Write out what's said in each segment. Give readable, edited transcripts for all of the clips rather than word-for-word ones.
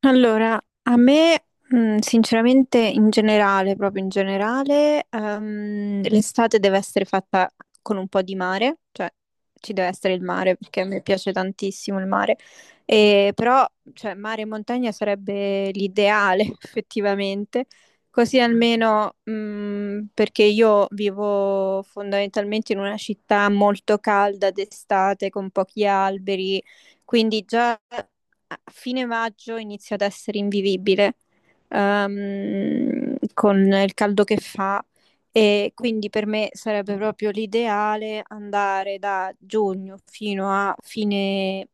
Allora, a me, sinceramente, in generale, proprio in generale, l'estate deve essere fatta con un po' di mare, cioè ci deve essere il mare perché a me piace tantissimo il mare. E però, cioè, mare e montagna sarebbe l'ideale, effettivamente, così almeno, perché io vivo fondamentalmente in una città molto calda d'estate, con pochi alberi, quindi già a fine maggio inizia ad essere invivibile, con il caldo che fa. E quindi per me sarebbe proprio l'ideale andare da giugno fino a fine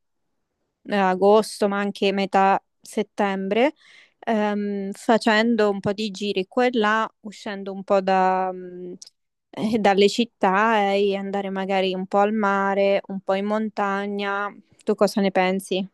agosto, ma anche metà settembre, facendo un po' di giri qua e là, uscendo un po' dalle città e andare magari un po' al mare, un po' in montagna. Tu cosa ne pensi?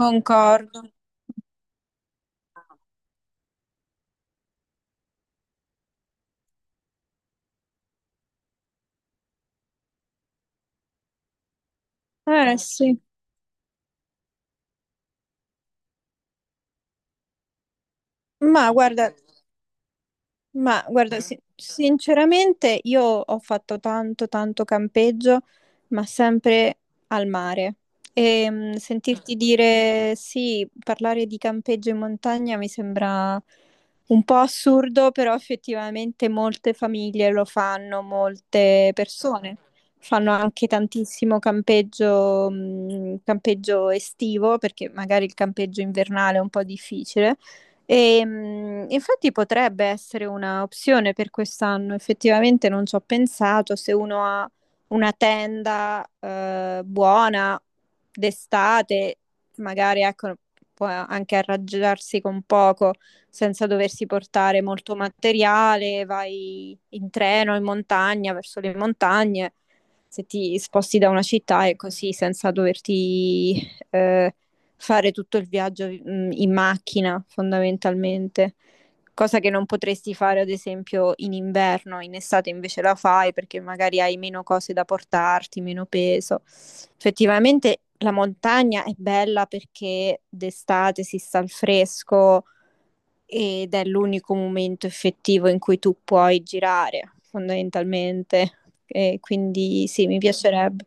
Concordo. Eh sì. Ma guarda, Ma guarda, Mm? Sinceramente io ho fatto tanto, tanto campeggio, ma sempre al mare. E sentirti dire sì, parlare di campeggio in montagna mi sembra un po' assurdo, però effettivamente molte famiglie lo fanno, molte persone fanno anche tantissimo campeggio, campeggio estivo, perché magari il campeggio invernale è un po' difficile. E, infatti potrebbe essere una opzione per quest'anno, effettivamente non ci ho pensato, se uno ha una tenda buona d'estate, magari ecco, può anche arrangiarsi con poco senza doversi portare molto materiale, vai in treno, in montagna, verso le montagne, se ti sposti da una città e così senza doverti eh, fare tutto il viaggio, in macchina fondamentalmente, cosa che non potresti fare ad esempio in inverno, in estate invece la fai perché magari hai meno cose da portarti, meno peso. Effettivamente la montagna è bella perché d'estate si sta al fresco ed è l'unico momento effettivo in cui tu puoi girare fondamentalmente. E quindi sì, mi piacerebbe.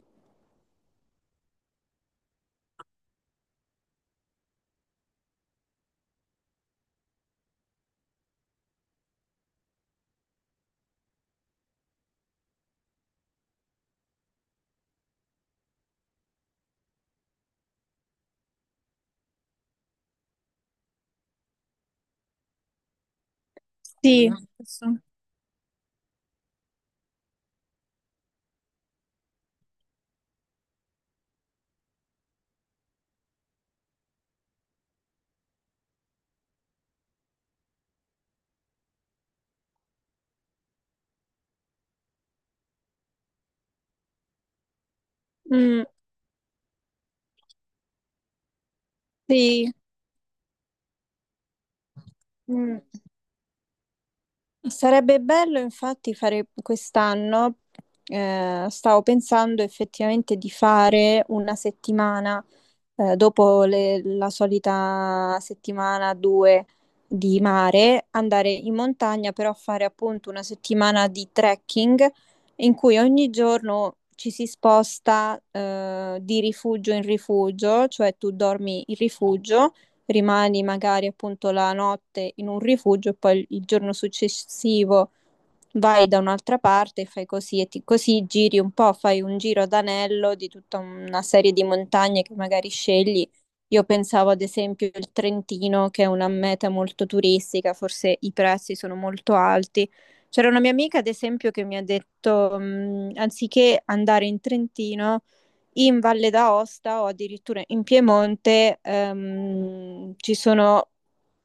Sì. Mh, sì, mh. Sarebbe bello infatti fare quest'anno, stavo pensando effettivamente di fare una settimana, dopo la solita settimana due di mare, andare in montagna, però fare appunto una settimana di trekking in cui ogni giorno ci si sposta, di rifugio in rifugio, cioè tu dormi in rifugio, rimani magari appunto la notte in un rifugio e poi il giorno successivo vai da un'altra parte e fai così e così giri un po', fai un giro ad anello di tutta una serie di montagne che magari scegli. Io pensavo ad esempio il Trentino, che è una meta molto turistica, forse i prezzi sono molto alti. C'era una mia amica, ad esempio, che mi ha detto, anziché andare in Trentino, in Valle d'Aosta o addirittura in Piemonte, ci sono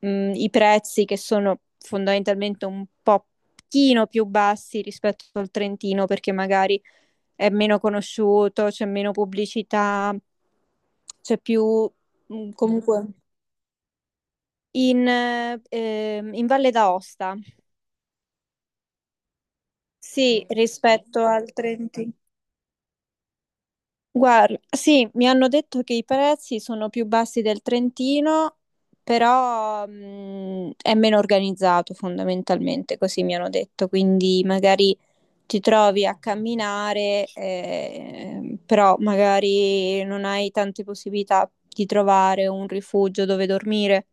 i prezzi che sono fondamentalmente un po' pochino più bassi rispetto al Trentino perché magari è meno conosciuto, c'è meno pubblicità, c'è più comunque in Valle d'Aosta, sì, rispetto al Trentino. Guarda, sì, mi hanno detto che i prezzi sono più bassi del Trentino, però è meno organizzato fondamentalmente, così mi hanno detto, quindi magari ti trovi a camminare, però magari non hai tante possibilità di trovare un rifugio dove dormire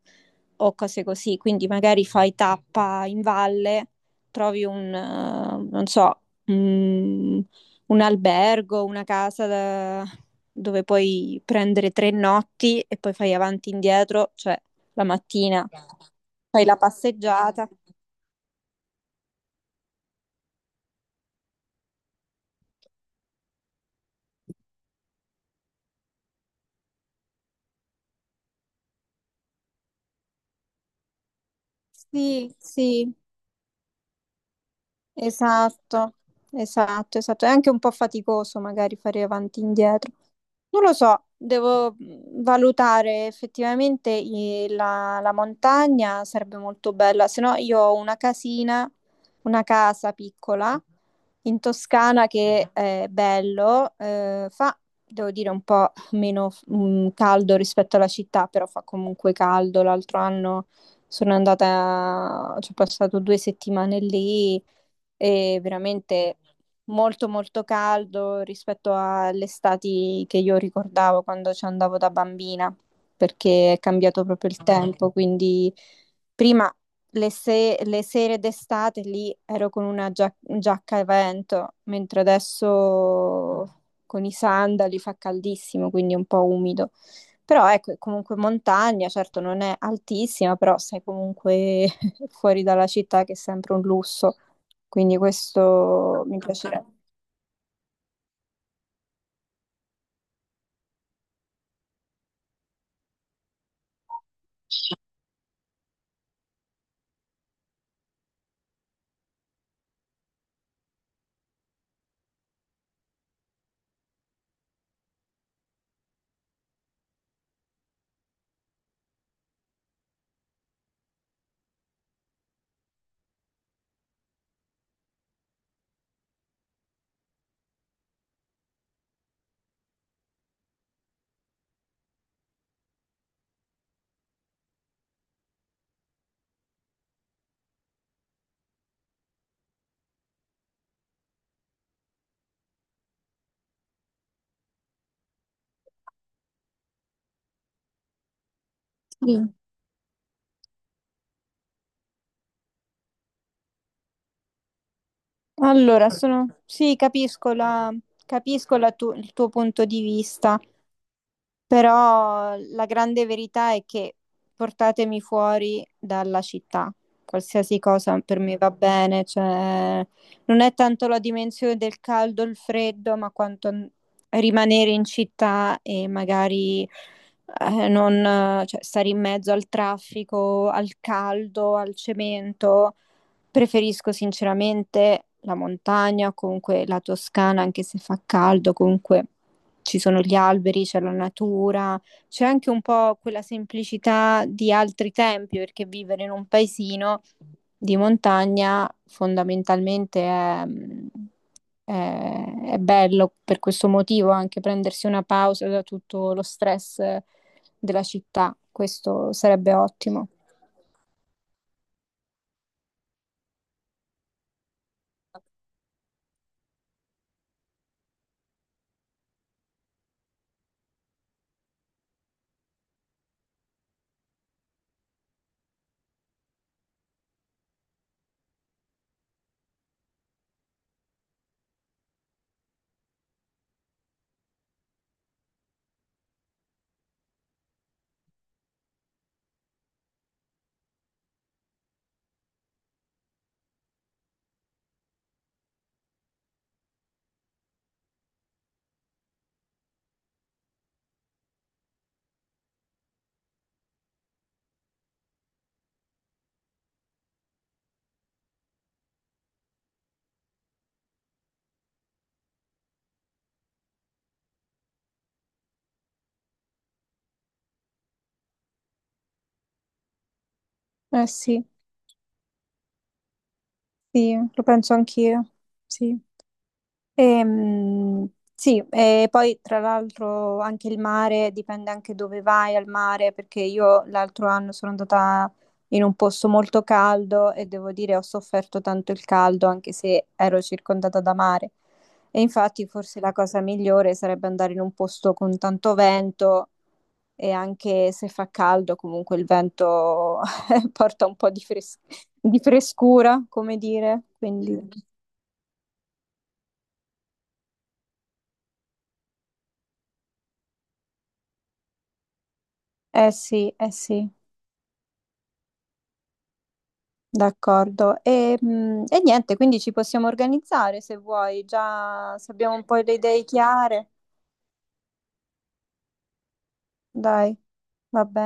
o cose così. Quindi magari fai tappa in valle, trovi un, non so, un, un albergo, una casa dove puoi prendere 3 notti e poi fai avanti e indietro, cioè la mattina fai la passeggiata. Sì, sì. Esatto, esatto, esatto. È anche un po' faticoso magari fare avanti e indietro. Non lo so, devo valutare effettivamente la montagna, sarebbe molto bella, se no io ho una casina, una casa piccola in Toscana che è bello, fa, devo dire, un po' meno caldo rispetto alla città, però fa comunque caldo. L'altro anno sono andata, ci ho passato 2 settimane lì e veramente molto molto caldo rispetto alle estati che io ricordavo quando ci andavo da bambina, perché è cambiato proprio il tempo, quindi prima le, se- le sere d'estate lì ero con una giacca a vento, mentre adesso con i sandali fa caldissimo, quindi è un po' umido. Però ecco, è comunque montagna, certo non è altissima, però sei comunque fuori dalla città, che è sempre un lusso. Quindi questo mi piacerebbe. Sì. Allora, sì, capisco il tuo punto di vista. Però la grande verità è che portatemi fuori dalla città, qualsiasi cosa per me va bene, cioè non è tanto la dimensione del caldo, il freddo, ma quanto rimanere in città e magari non, cioè, stare in mezzo al traffico, al caldo, al cemento. Preferisco sinceramente la montagna, comunque la Toscana, anche se fa caldo, comunque ci sono gli alberi, c'è la natura, c'è anche un po' quella semplicità di altri tempi, perché vivere in un paesino di montagna fondamentalmente è bello per questo motivo, anche prendersi una pausa da tutto lo stress della città, questo sarebbe ottimo. Eh sì, sì, lo penso anch'io, sì. Ehm, sì, e poi tra l'altro anche il mare dipende anche dove vai al mare, perché io l'altro anno sono andata in un posto molto caldo e devo dire ho sofferto tanto il caldo anche se ero circondata da mare. E infatti forse la cosa migliore sarebbe andare in un posto con tanto vento e anche se fa caldo comunque il vento porta un po' di di frescura, come dire. Quindi, eh sì, eh sì. D'accordo. E niente, quindi ci possiamo organizzare se vuoi, già se abbiamo un po' le idee chiare. Dai, va bene.